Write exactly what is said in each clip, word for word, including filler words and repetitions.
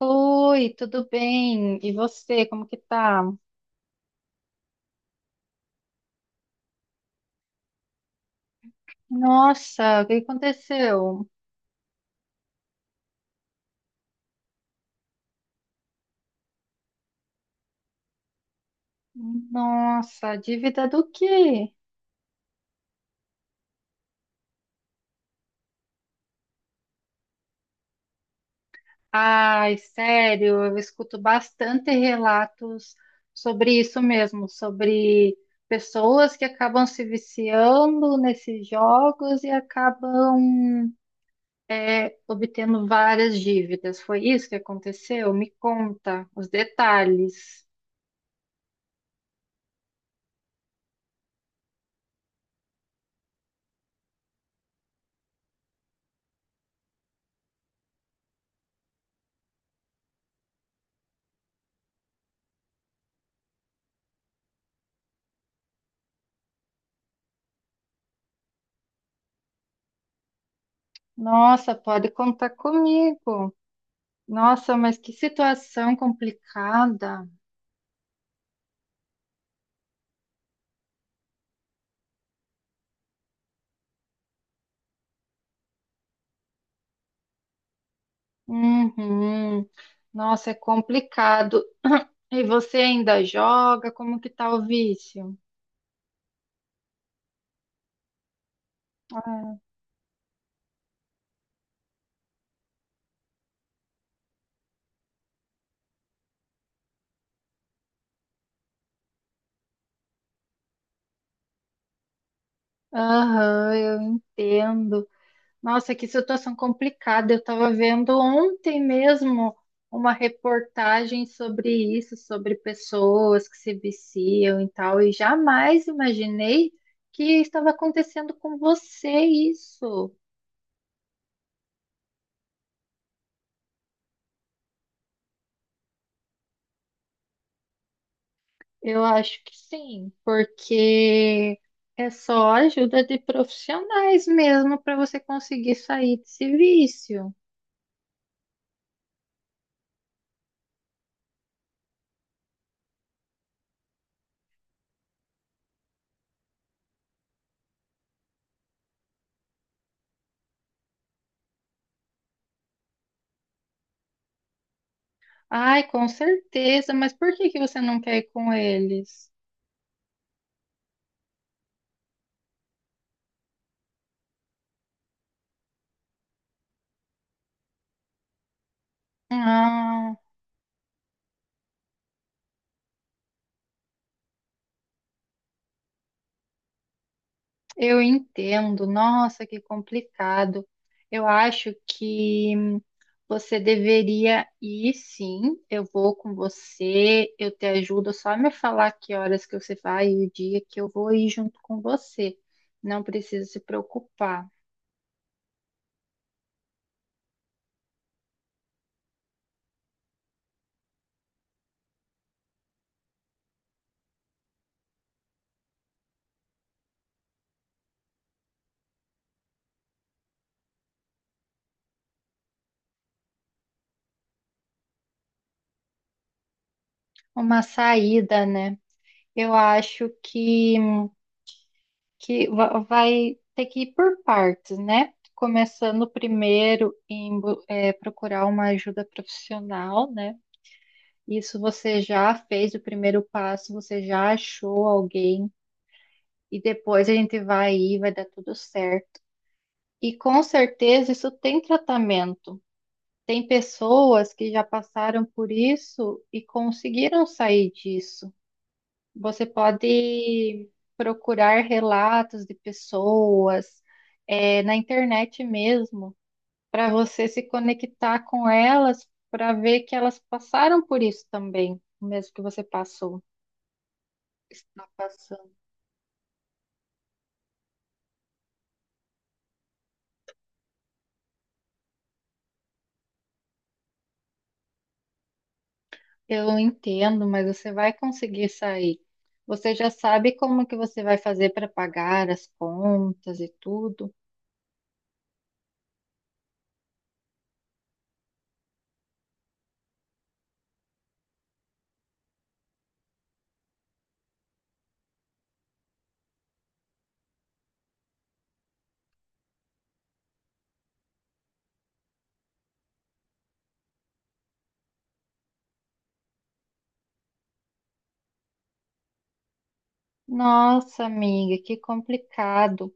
Oi, tudo bem? E você, como que tá? Nossa, o que aconteceu? Nossa, dívida do quê? Ai, sério, eu escuto bastante relatos sobre isso mesmo, sobre pessoas que acabam se viciando nesses jogos e acabam é, obtendo várias dívidas. Foi isso que aconteceu? Me conta os detalhes. Nossa, pode contar comigo. Nossa, mas que situação complicada. Uhum. Nossa, é complicado. E você ainda joga? Como que tá o vício? Aham, eu entendo. Nossa, que situação complicada. Eu estava vendo ontem mesmo uma reportagem sobre isso, sobre pessoas que se viciam e tal, e jamais imaginei que estava acontecendo com você isso. Eu acho que sim, porque é só ajuda de profissionais mesmo para você conseguir sair desse vício. Ai, com certeza, mas por que que você não quer ir com eles? Ah, eu entendo. Nossa, que complicado. Eu acho que você deveria ir, sim. Eu vou com você, eu te ajudo. Só me falar que horas que você vai e o dia que eu vou ir junto com você. Não precisa se preocupar. Uma saída, né? Eu acho que, que va- vai ter que ir por partes, né? Começando primeiro em bu- eh, procurar uma ajuda profissional, né? Isso, você já fez o primeiro passo, você já achou alguém, e depois a gente vai aí, vai dar tudo certo. E com certeza isso tem tratamento. Tem pessoas que já passaram por isso e conseguiram sair disso. Você pode procurar relatos de pessoas, eh, na internet mesmo, para você se conectar com elas, para ver que elas passaram por isso também, o mesmo que você passou, está passando. Eu entendo, mas você vai conseguir sair. Você já sabe como que você vai fazer para pagar as contas e tudo? Nossa, amiga, que complicado.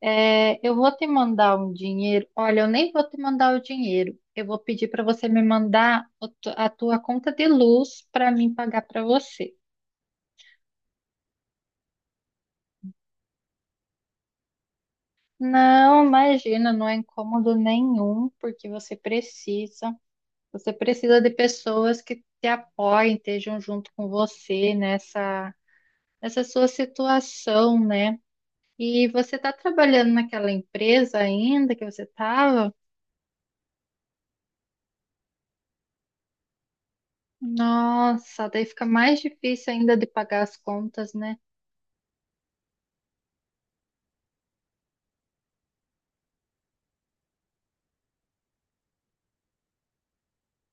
É, eu vou te mandar um dinheiro. Olha, eu nem vou te mandar o dinheiro. Eu vou pedir para você me mandar o tu- a tua conta de luz para mim pagar para você. Não, imagina, não é incômodo nenhum, porque você precisa. Você precisa de pessoas que te apoiem, estejam junto com você nessa, nessa sua situação, né? E você está trabalhando naquela empresa ainda que você estava? Nossa, daí fica mais difícil ainda de pagar as contas, né?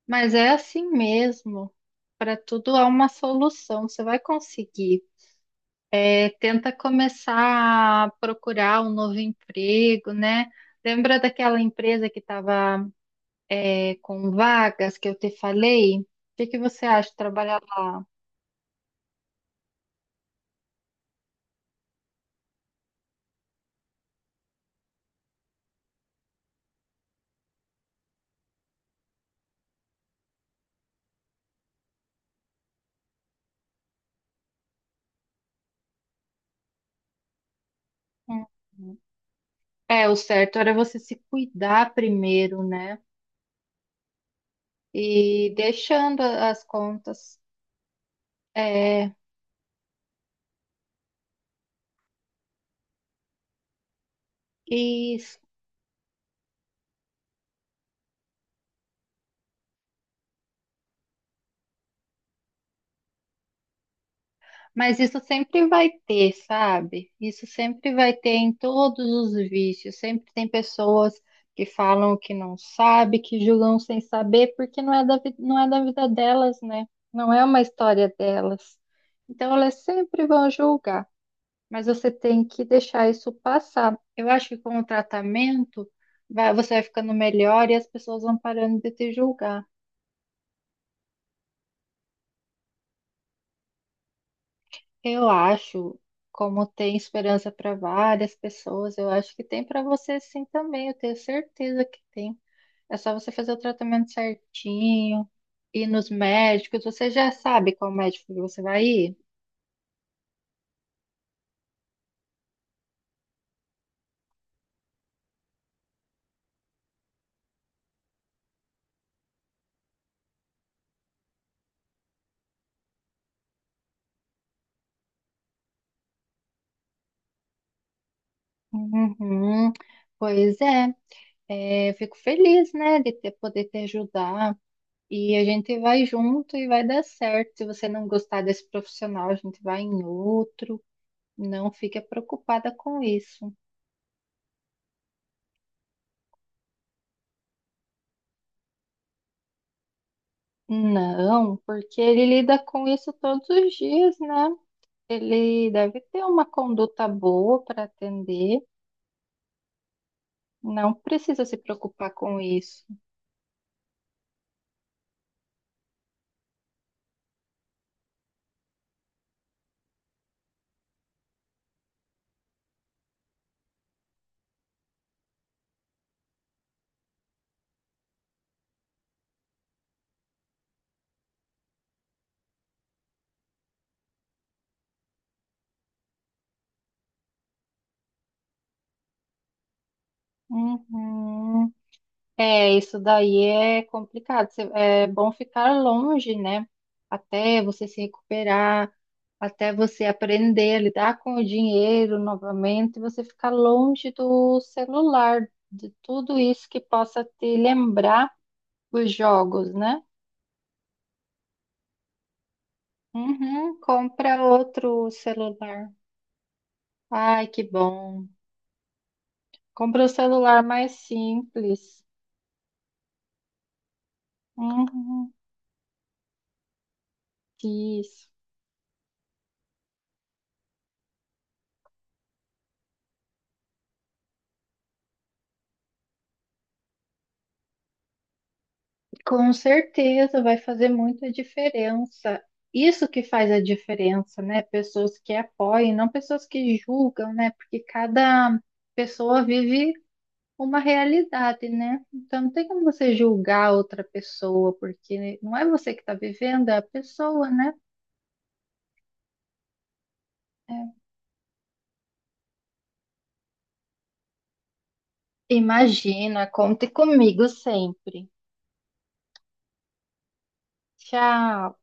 Mas é assim mesmo. Para tudo há uma solução, você vai conseguir. É, tenta começar a procurar um novo emprego, né? Lembra daquela empresa que estava é, com vagas que eu te falei. O que que você acha de trabalhar lá? Uhum. É, o certo era você se cuidar primeiro, né? E deixando a- as contas. É, isso. Mas isso sempre vai ter, sabe? Isso sempre vai ter em todos os vícios. Sempre tem pessoas que falam que não sabe, que julgam sem saber, porque não é da, vi- não é da vida delas, né? Não é uma história delas. Então elas sempre vão julgar, mas você tem que deixar isso passar. Eu acho que com o tratamento vai- você vai ficando melhor e as pessoas vão parando de te julgar. Eu acho, como tem esperança para várias pessoas, eu acho que tem para você sim também, eu tenho certeza que tem. É só você fazer o tratamento certinho, ir nos médicos. Você já sabe qual médico que você vai ir? Uhum. Pois é, é, eu fico feliz, né, de ter, poder te ajudar. E a gente vai junto e vai dar certo. Se você não gostar desse profissional, a gente vai em outro. Não fica preocupada com isso. Não, porque ele lida com isso todos os dias, né? Ele deve ter uma conduta boa para atender. Não precisa se preocupar com isso. Uhum. É, isso daí é complicado. Cê- É bom ficar longe, né? Até você se recuperar, até você aprender a lidar com o dinheiro novamente, você ficar longe do celular, de tudo isso que possa te lembrar os jogos, né? Uhum, compra outro celular. Ai, que bom. Compra um celular mais simples. Uhum, isso. Com certeza vai fazer muita diferença. Isso que faz a diferença, né? Pessoas que apoiam, não pessoas que julgam, né? Porque cada pessoa vive uma realidade, né? Então não tem como você julgar outra pessoa, porque não é você que está vivendo, é a pessoa, né? É. Imagina, conte comigo sempre. Tchau.